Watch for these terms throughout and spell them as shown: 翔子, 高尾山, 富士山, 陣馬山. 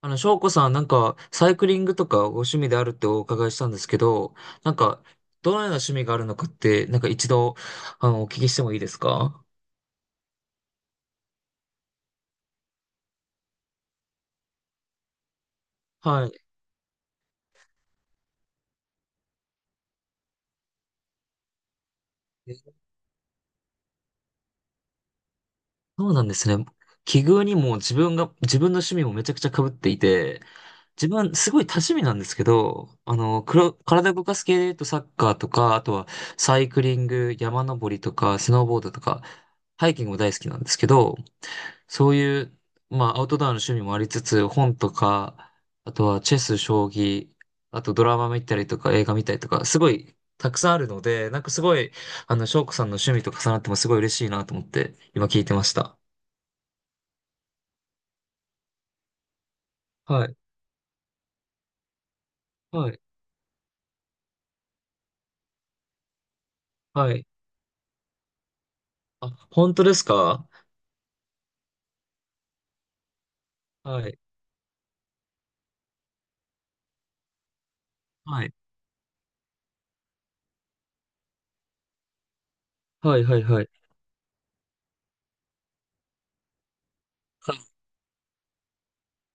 翔子さん、サイクリングとかご趣味であるってお伺いしたんですけど、なんか、どのような趣味があるのかって、なんか一度、お聞きしてもいいですか？はい。え、そうなんですね。奇遇にも自分が、自分の趣味もめちゃくちゃ被っていて、自分、すごい多趣味なんですけど、黒体動かす系で言うとサッカーとか、あとはサイクリング、山登りとか、スノーボードとか、ハイキングも大好きなんですけど、そういう、まあ、アウトドアの趣味もありつつ、本とか、あとはチェス、将棋、あとドラマ見たりとか映画見たりとか、すごいたくさんあるので、なんかすごい、翔子さんの趣味と重なってもすごい嬉しいなと思って、今聞いてました。はい、はい、はい。あ、本当ですか？はい、はい、はい、はい、はい。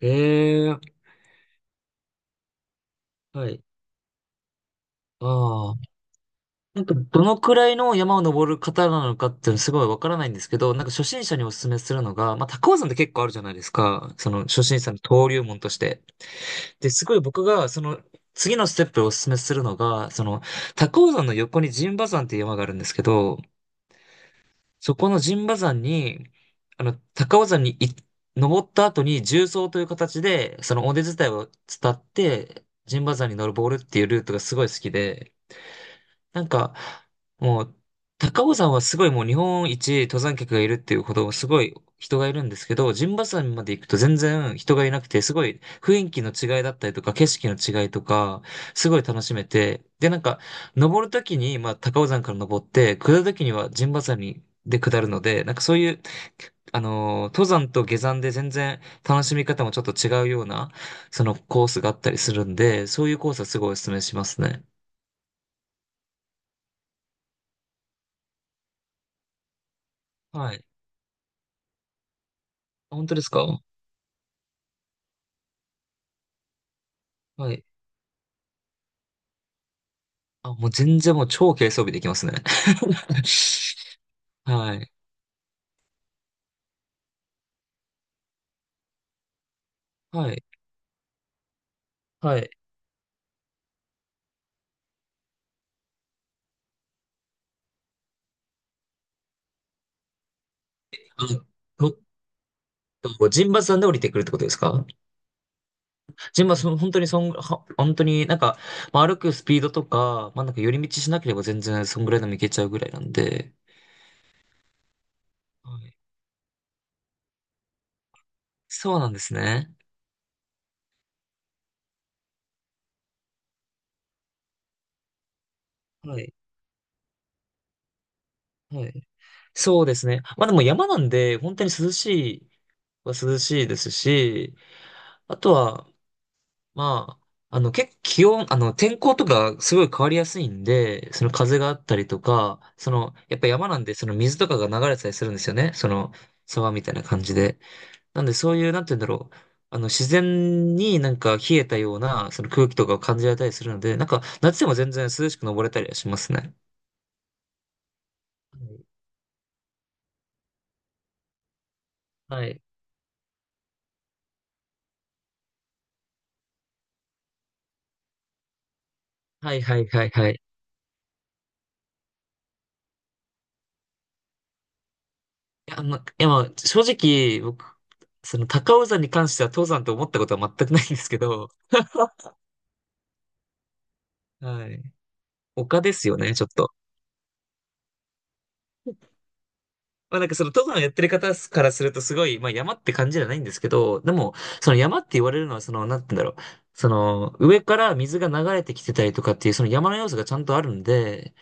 ええー、はい。ああ。なんか、どのくらいの山を登る方なのかっていうのすごいわからないんですけど、なんか初心者にお勧めするのが、まあ、高尾山って結構あるじゃないですか。その初心者の登竜門として。で、すごい僕が、その、次のステップをお勧めするのが、その、高尾山の横に陣馬山っていう山があるんですけど、そこの陣馬山に、あの、高尾山にい登った後に縦走という形で、その尾根伝いを伝って、陣馬山に登るボールっていうルートがすごい好きで、なんか、もう、高尾山はすごいもう日本一登山客がいるっていうほどすごい人がいるんですけど、陣馬山まで行くと全然人がいなくて、すごい雰囲気の違いだったりとか、景色の違いとか、すごい楽しめて、で、なんか、登るときに、まあ、高尾山から登って、下るときには陣馬山に、で下るので、なんかそういう、登山と下山で全然楽しみ方もちょっと違うような、そのコースがあったりするんで、そういうコースはすごいお勧めしますね。はい。本当ですか？はい。あ、もう全然もう超軽装備できますね。はい。はい。はい。あ、ちょっと、陣馬山で降りてくるってことですか？陣馬、その本当にそん、は、本当になんか、まあ、歩くスピードとか、まあ、なんか寄り道しなければ全然そんぐらいでも行けちゃうぐらいなんで。はい。そうなんですね。はい。はい。そうですね。まあでも山なんで、本当に涼しいは涼しいですし、あとは、まあ、結構気温、天候とかすごい変わりやすいんで、その風があったりとか、その、やっぱ山なんで、その水とかが流れてたりするんですよね。その、沢みたいな感じで。なんで、そういう、なんて言うんだろう。自然になんか冷えたような、その空気とかを感じられたりするので、なんか、夏でも全然涼しく登れたりはしますね。はい。はいはいはいはい。いやまあ、正直、僕、その高尾山に関しては登山と思ったことは全くないんですけど、はい。丘ですよね、ちょっと。まあなんかその登山やってる方からするとすごい、まあ山って感じじゃないんですけど、でも、その山って言われるのはその、なんて言うんだろう。その、上から水が流れてきてたりとかっていう、その山の要素がちゃんとあるんで、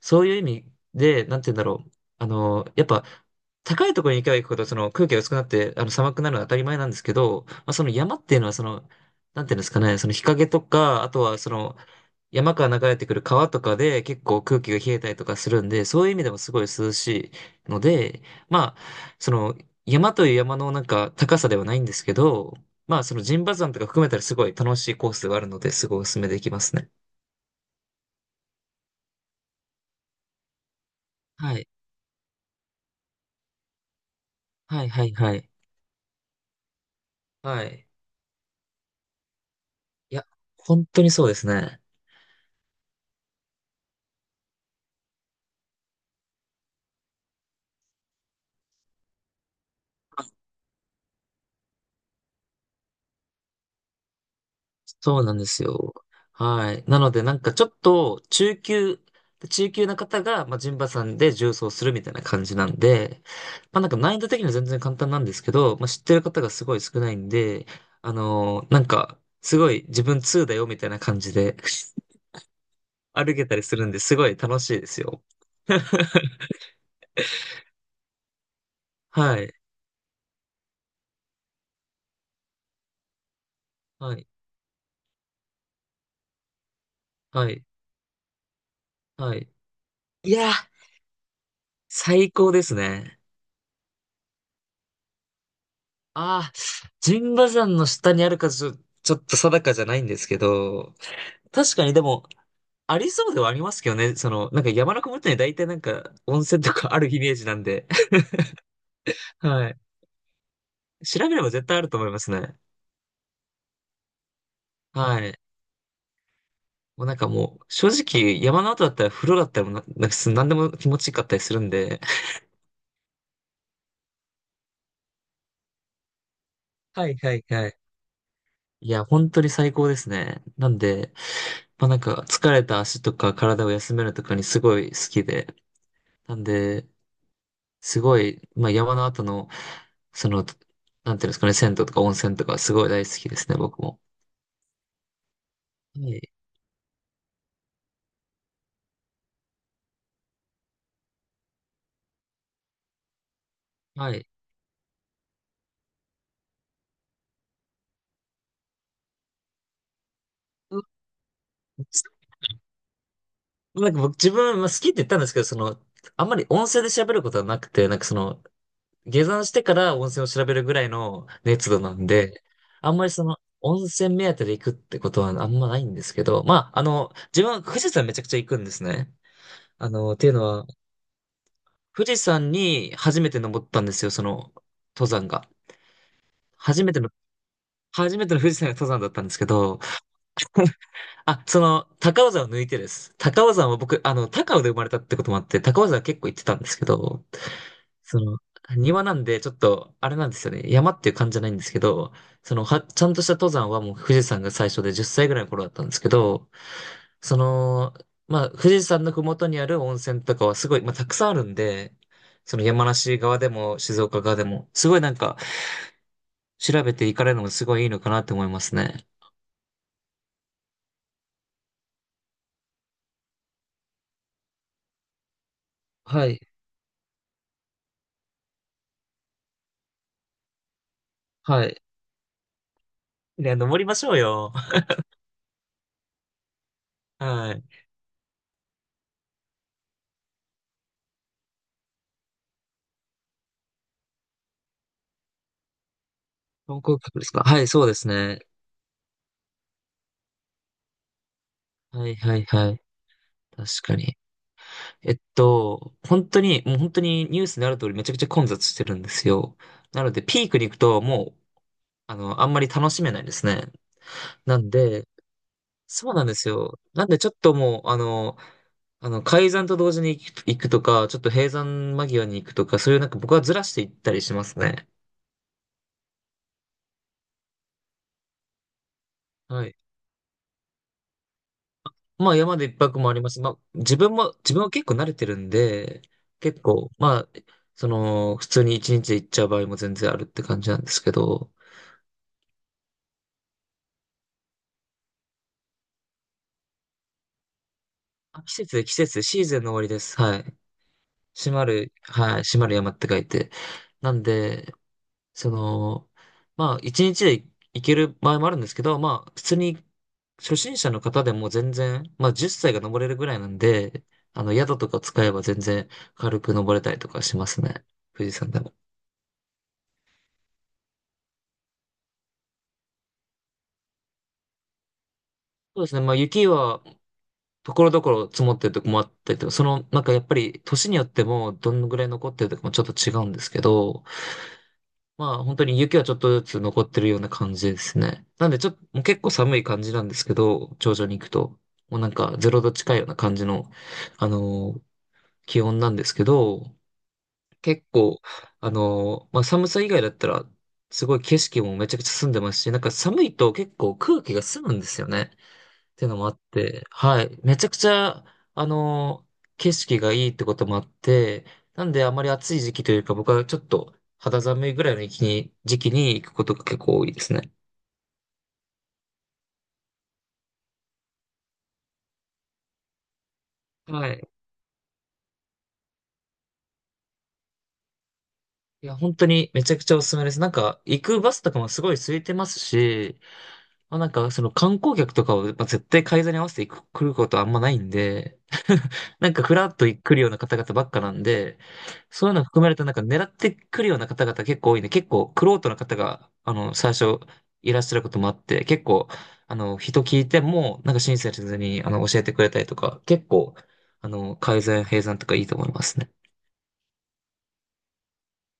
そういう意味で、なんて言うんだろう。やっぱ、高いところに行けば行くほど、その空気が薄くなって、寒くなるのは当たり前なんですけど、まあ、その山っていうのは、その、なんていうんですかね、その日陰とか、あとはその、山から流れてくる川とかで結構空気が冷えたりとかするんで、そういう意味でもすごい涼しいので、まあ、その、山という山のなんか高さではないんですけど、まあ、その陣馬山とか含めたらすごい楽しいコースがあるので、すごいお勧めできますね。はい。はい、はい、はい。はい。いや、本当にそうですね。そうなんですよ。はい。なので、なんかちょっと中級、中級な方が、まあ、ジンバさんで重装するみたいな感じなんで、まあ、なんか難易度的には全然簡単なんですけど、まあ、知ってる方がすごい少ないんで、なんか、すごい自分2だよみたいな感じで 歩けたりするんですごい楽しいですよ。はい。はい。はい。はい。いやー、最高ですね。ああ、神馬山の下にあるかちょ、ちょっと定かじゃないんですけど、確かにでも、ありそうではありますけどね。その、なんか山の麓には大体なんか温泉とかあるイメージなんで。はい。調べれば絶対あると思いますね。はい。もうなんかもう、正直山の後だったら風呂だったらもうな、なんかす何でも気持ちよかったりするんで。はいはいはい。いや、本当に最高ですね。なんで、まあなんか疲れた足とか体を休めるとかにすごい好きで。なんで、すごい、まあ、山の後の、その、なんていうんですかね、銭湯とか温泉とかすごい大好きですね、僕も。はい。はい。う、なんか僕自分、まあ、好きって言ったんですけど、その、あんまり温泉で調べることはなくて、なんかその、下山してから温泉を調べるぐらいの熱度なんで、あんまりその、温泉目当てで行くってことはあんまないんですけど、まあ、自分は富士山めちゃくちゃ行くんですね。っていうのは、富士山に初めて登ったんですよ、その、登山が。初めての初めての富士山が登山だったんですけど、あ、その、高尾山を抜いてです。高尾山は僕、高尾で生まれたってこともあって、高尾山は結構行ってたんですけど、その、庭なんで、ちょっと、あれなんですよね。山っていう感じじゃないんですけど、ちゃんとした登山はもう富士山が最初で10歳ぐらいの頃だったんですけど、その、まあ、富士山の麓にある温泉とかはすごい、まあ、たくさんあるんで、その山梨側でも静岡側でも、すごいなんか、調べて行かれるのもすごいいいのかなって思いますね。はい。はい。いや、登りましょうよ。はい。観光客ですか？はい、そうですね。はいはいはい。確かに。本当に、もう本当にニュースになる通りめちゃくちゃ混雑してるんですよ。なので、ピークに行くともう、あんまり楽しめないですね。なんで、そうなんですよ。なんでちょっともう、開山と同時に行くとか、ちょっと閉山間際に行くとか、そういうなんか僕はずらしていったりしますね。はい。まあ山で一泊もあります。まあ自分も、自分は結構慣れてるんで、結構、まあ、その、普通に一日で行っちゃう場合も全然あるって感じなんですけど、季節、シーズンの終わりです。はい。閉まる、はい、閉まる山って書いて。なんで、その、まあ一日で行ける場合もあるんですけど、まあ普通に初心者の方でも全然、まあ10歳が登れるぐらいなんで、あの宿とか使えば全然軽く登れたりとかしますね。富士山でも。そうですね。まあ、雪は、ところどころ積もってるとこもあったりとか、その、なんかやっぱり、年によっても、どのぐらい残ってるとかもちょっと違うんですけど、まあ、本当に雪はちょっとずつ残ってるような感じですね。なんで、ちょっと、もう結構寒い感じなんですけど、頂上に行くと、もうなんか、ゼロ度近いような感じの、あのー気温なんですけど、結構、まあ、寒さ以外だったら、すごい景色もめちゃくちゃ澄んでますし、なんか寒いと結構空気が澄むんですよね。っていうのもあって、はい。めちゃくちゃ、あの、景色がいいってこともあって、なんであまり暑い時期というか、僕はちょっと肌寒いぐらいの時期に行くことが結構多いですね。はい。いや、本当にめちゃくちゃおすすめです。なんか、行くバスとかもすごい空いてますし、まあ、なんか、その観光客とかを、まあ、絶対改ざに合わせてく来ることはあんまないんで、なんかふらっと来るような方々ばっかなんで、そういうの含めるとなんか狙ってくるような方々結構多いんで、結構玄人の方が、最初いらっしゃることもあって、結構、人聞いても、なんか親切に、教えてくれたりとか、結構、改ざん、閉山とかいいと思いますね。